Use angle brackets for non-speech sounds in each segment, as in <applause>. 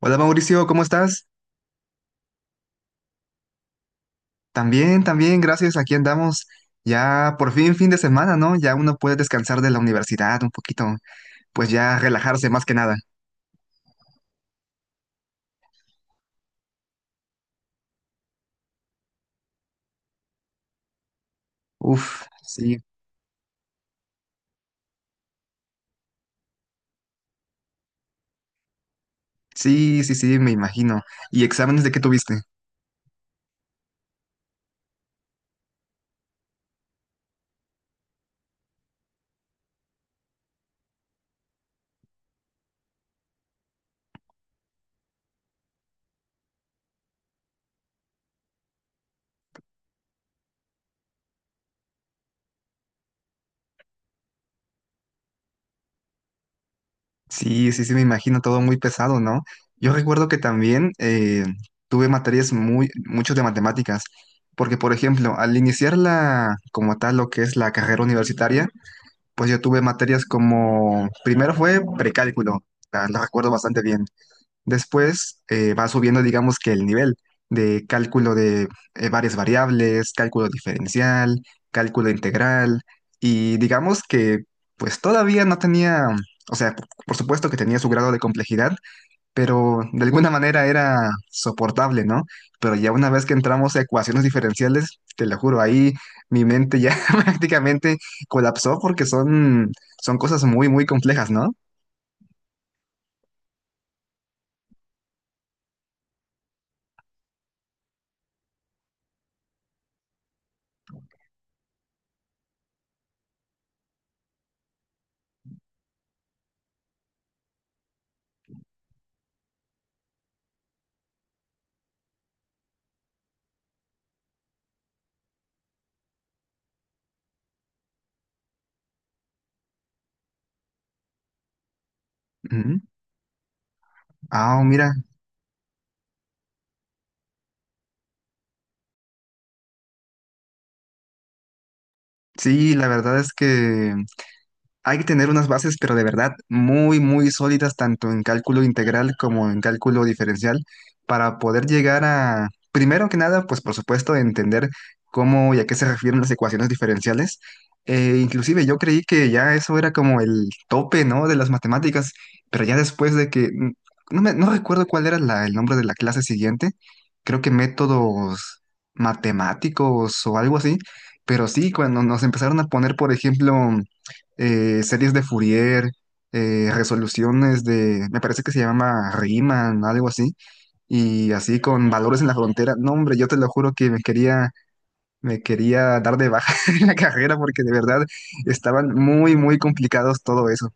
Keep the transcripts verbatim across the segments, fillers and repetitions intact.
Hola Mauricio, ¿cómo estás? También, también, gracias. Aquí andamos. Ya por fin fin de semana, ¿no? Ya uno puede descansar de la universidad un poquito, pues ya relajarse más que nada. Uf, sí, sí, sí, sí, me imagino. ¿Y exámenes de qué tuviste? Sí, sí, sí, me imagino todo muy pesado, ¿no? Yo recuerdo que también eh, tuve materias muy, mucho de matemáticas, porque por ejemplo, al iniciar la, como tal, lo que es la carrera universitaria, pues yo tuve materias como, primero fue precálculo, la, la recuerdo bastante bien. Después eh, va subiendo, digamos que el nivel de cálculo de eh, varias variables, cálculo diferencial, cálculo integral, y digamos que pues todavía no tenía, o sea, por por supuesto que tenía su grado de complejidad, pero de alguna manera era soportable, ¿no? Pero ya una vez que entramos a ecuaciones diferenciales, te lo juro, ahí mi mente ya <laughs> prácticamente colapsó porque son, son cosas muy, muy complejas, ¿no? Ujú. Ah, mira, sí, la verdad es que hay que tener unas bases, pero de verdad, muy, muy sólidas, tanto en cálculo integral como en cálculo diferencial, para poder llegar a, primero que nada, pues por supuesto, entender cómo y a qué se refieren las ecuaciones diferenciales. Eh, inclusive yo creí que ya eso era como el tope, ¿no?, de las matemáticas, pero ya después de que, mm, no me, no recuerdo cuál era la- el nombre de la clase siguiente, creo que métodos matemáticos o algo así, pero sí, cuando nos empezaron a poner, por ejemplo, eh, series de Fourier, eh, resoluciones de, me parece que se llama Riemann, algo así, y así con valores en la frontera. No, hombre, yo te lo juro que me quería, me quería dar de baja <laughs> en la carrera porque de verdad estaban muy, muy complicados todo eso.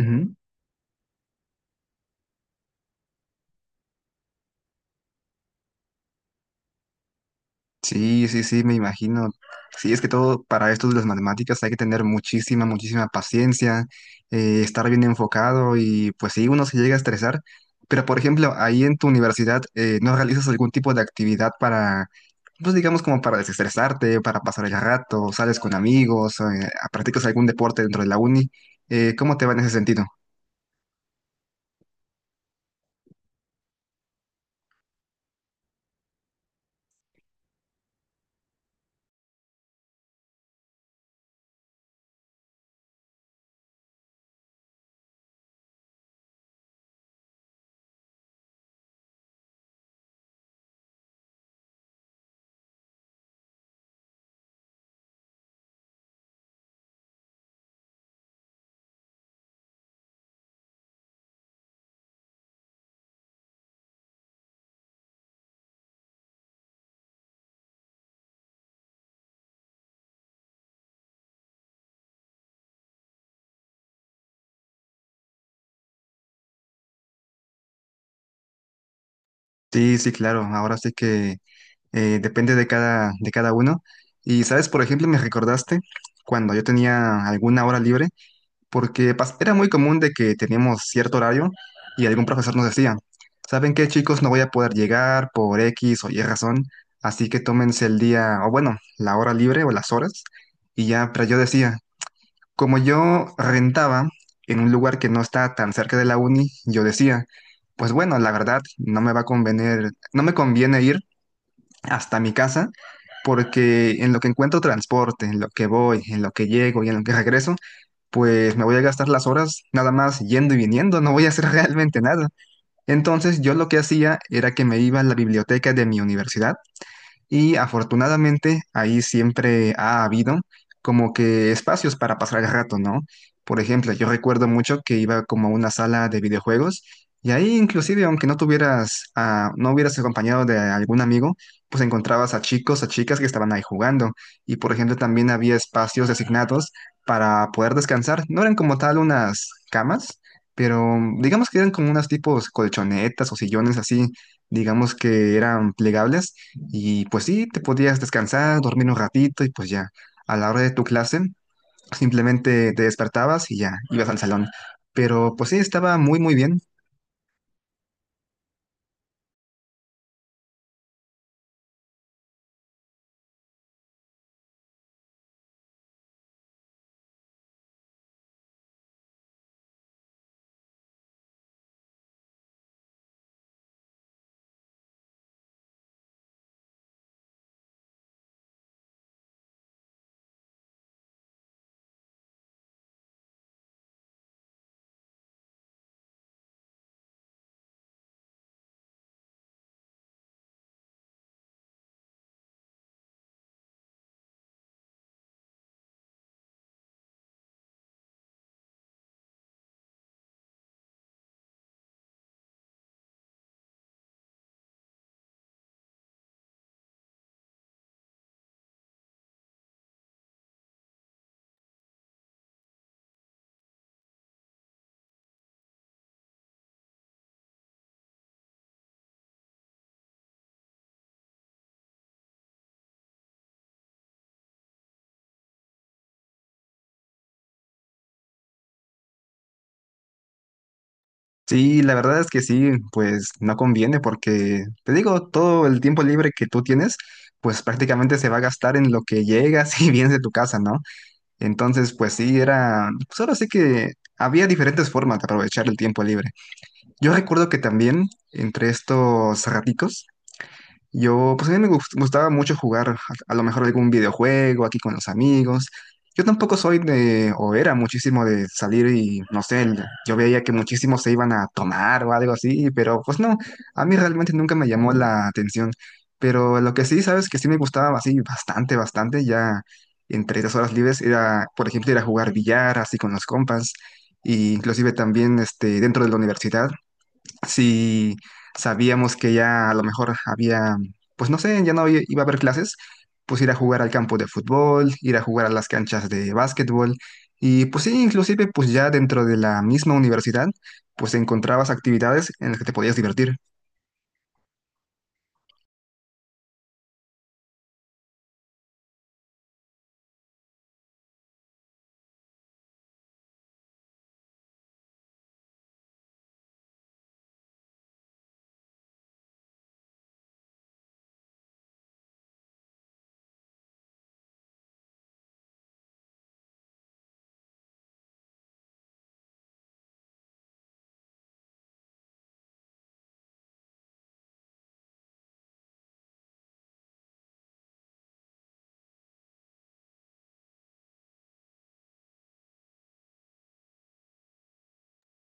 Ujú. Sí, sí, sí, me imagino. Sí, es que todo para esto de las matemáticas hay que tener muchísima, muchísima paciencia, eh, estar bien enfocado y pues sí, uno se llega a estresar. Pero por ejemplo, ahí en tu universidad, eh, ¿no realizas algún tipo de actividad para, pues digamos como para desestresarte, para pasar el rato, sales con amigos, eh, practicas algún deporte dentro de la uni? Eh, ¿cómo te va en ese sentido? Sí, sí, claro. Ahora sí que eh, depende de cada, de cada uno. Y, ¿sabes? Por ejemplo, me recordaste cuando yo tenía alguna hora libre, porque pas- era muy común de que teníamos cierto horario y algún profesor nos decía, ¿saben qué, chicos? No voy a poder llegar por X o Y razón, así que tómense el día, o bueno, la hora libre o las horas. Y ya, pero yo decía, como yo rentaba en un lugar que no está tan cerca de la uni, yo decía, pues bueno, la verdad, no me va a convenir, no me conviene ir hasta mi casa, porque en lo que encuentro transporte, en lo que voy, en lo que llego y en lo que regreso, pues me voy a gastar las horas nada más yendo y viniendo, no voy a hacer <laughs> realmente nada. Entonces yo lo que hacía era que me iba a la biblioteca de mi universidad y afortunadamente ahí siempre ha habido como que espacios para pasar el rato, ¿no? Por ejemplo, yo recuerdo mucho que iba como a una sala de videojuegos y ahí inclusive aunque no tuvieras, ah, no hubieras acompañado de algún amigo, pues encontrabas a chicos, a chicas que estaban ahí jugando. Y por ejemplo también había espacios designados para poder descansar. No eran como tal unas camas, pero digamos que eran como unas tipos colchonetas o sillones así, digamos que eran plegables y pues sí, te podías descansar, dormir un ratito y pues ya, a la hora de tu clase, simplemente te despertabas y ya, ibas al salón. Pero pues sí, estaba muy, muy bien. Sí, la verdad es que sí, pues no conviene porque, te digo, todo el tiempo libre que tú tienes, pues prácticamente se va a gastar en lo que llegas <laughs> y vienes de tu casa, ¿no? Entonces, pues sí, era, solo sé que había diferentes formas de aprovechar el tiempo libre. Yo recuerdo que también, entre estos raticos, Yo, pues a mí me gust- gustaba mucho jugar a, a lo mejor algún videojuego aquí con los amigos. Yo tampoco soy de, o era muchísimo de salir y, no sé, el- yo veía que muchísimos se iban a tomar o algo así, pero pues no, a mí realmente nunca me llamó la atención. Pero lo que sí, sabes, que sí me gustaba así bastante, bastante, ya entre las horas libres era, por ejemplo, ir a jugar billar así con los compas, e inclusive también este, dentro de la universidad si sabíamos que ya a lo mejor había, pues no sé, ya no i- iba a haber clases, pues ir a jugar al campo de fútbol, ir a jugar a las canchas de básquetbol y pues sí, inclusive pues ya dentro de la misma universidad, pues encontrabas actividades en las que te podías divertir.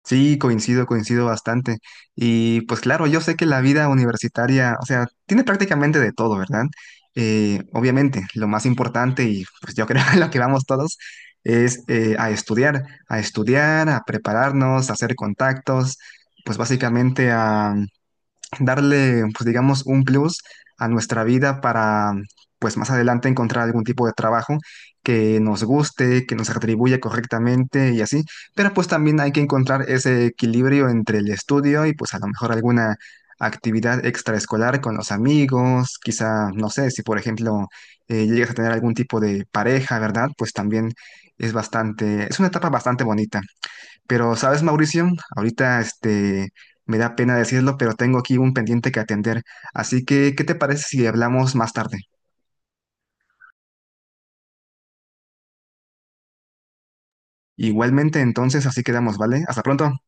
Sí, coincido, coincido bastante. Y pues claro, yo sé que la vida universitaria, o sea, tiene prácticamente de todo, ¿verdad? Eh, obviamente, lo más importante y pues yo creo <laughs> en lo que vamos todos es eh, a estudiar, a estudiar, a prepararnos, a hacer contactos, pues básicamente darle, pues digamos, un plus a nuestra vida para, pues más adelante encontrar algún tipo de trabajo que nos guste, que nos atribuya correctamente y así. Pero pues también hay que encontrar ese equilibrio entre el estudio y pues a lo mejor alguna actividad extraescolar con los amigos, quizá, no sé, si por ejemplo eh, llegas a tener algún tipo de pareja, ¿verdad? Pues también es bastante, es una etapa bastante bonita. Pero, ¿sabes, Mauricio? Ahorita, este, me da pena decirlo, pero tengo aquí un pendiente que atender. Así que, ¿qué te parece si hablamos más tarde? Igualmente, entonces, así quedamos, ¿vale? Hasta pronto.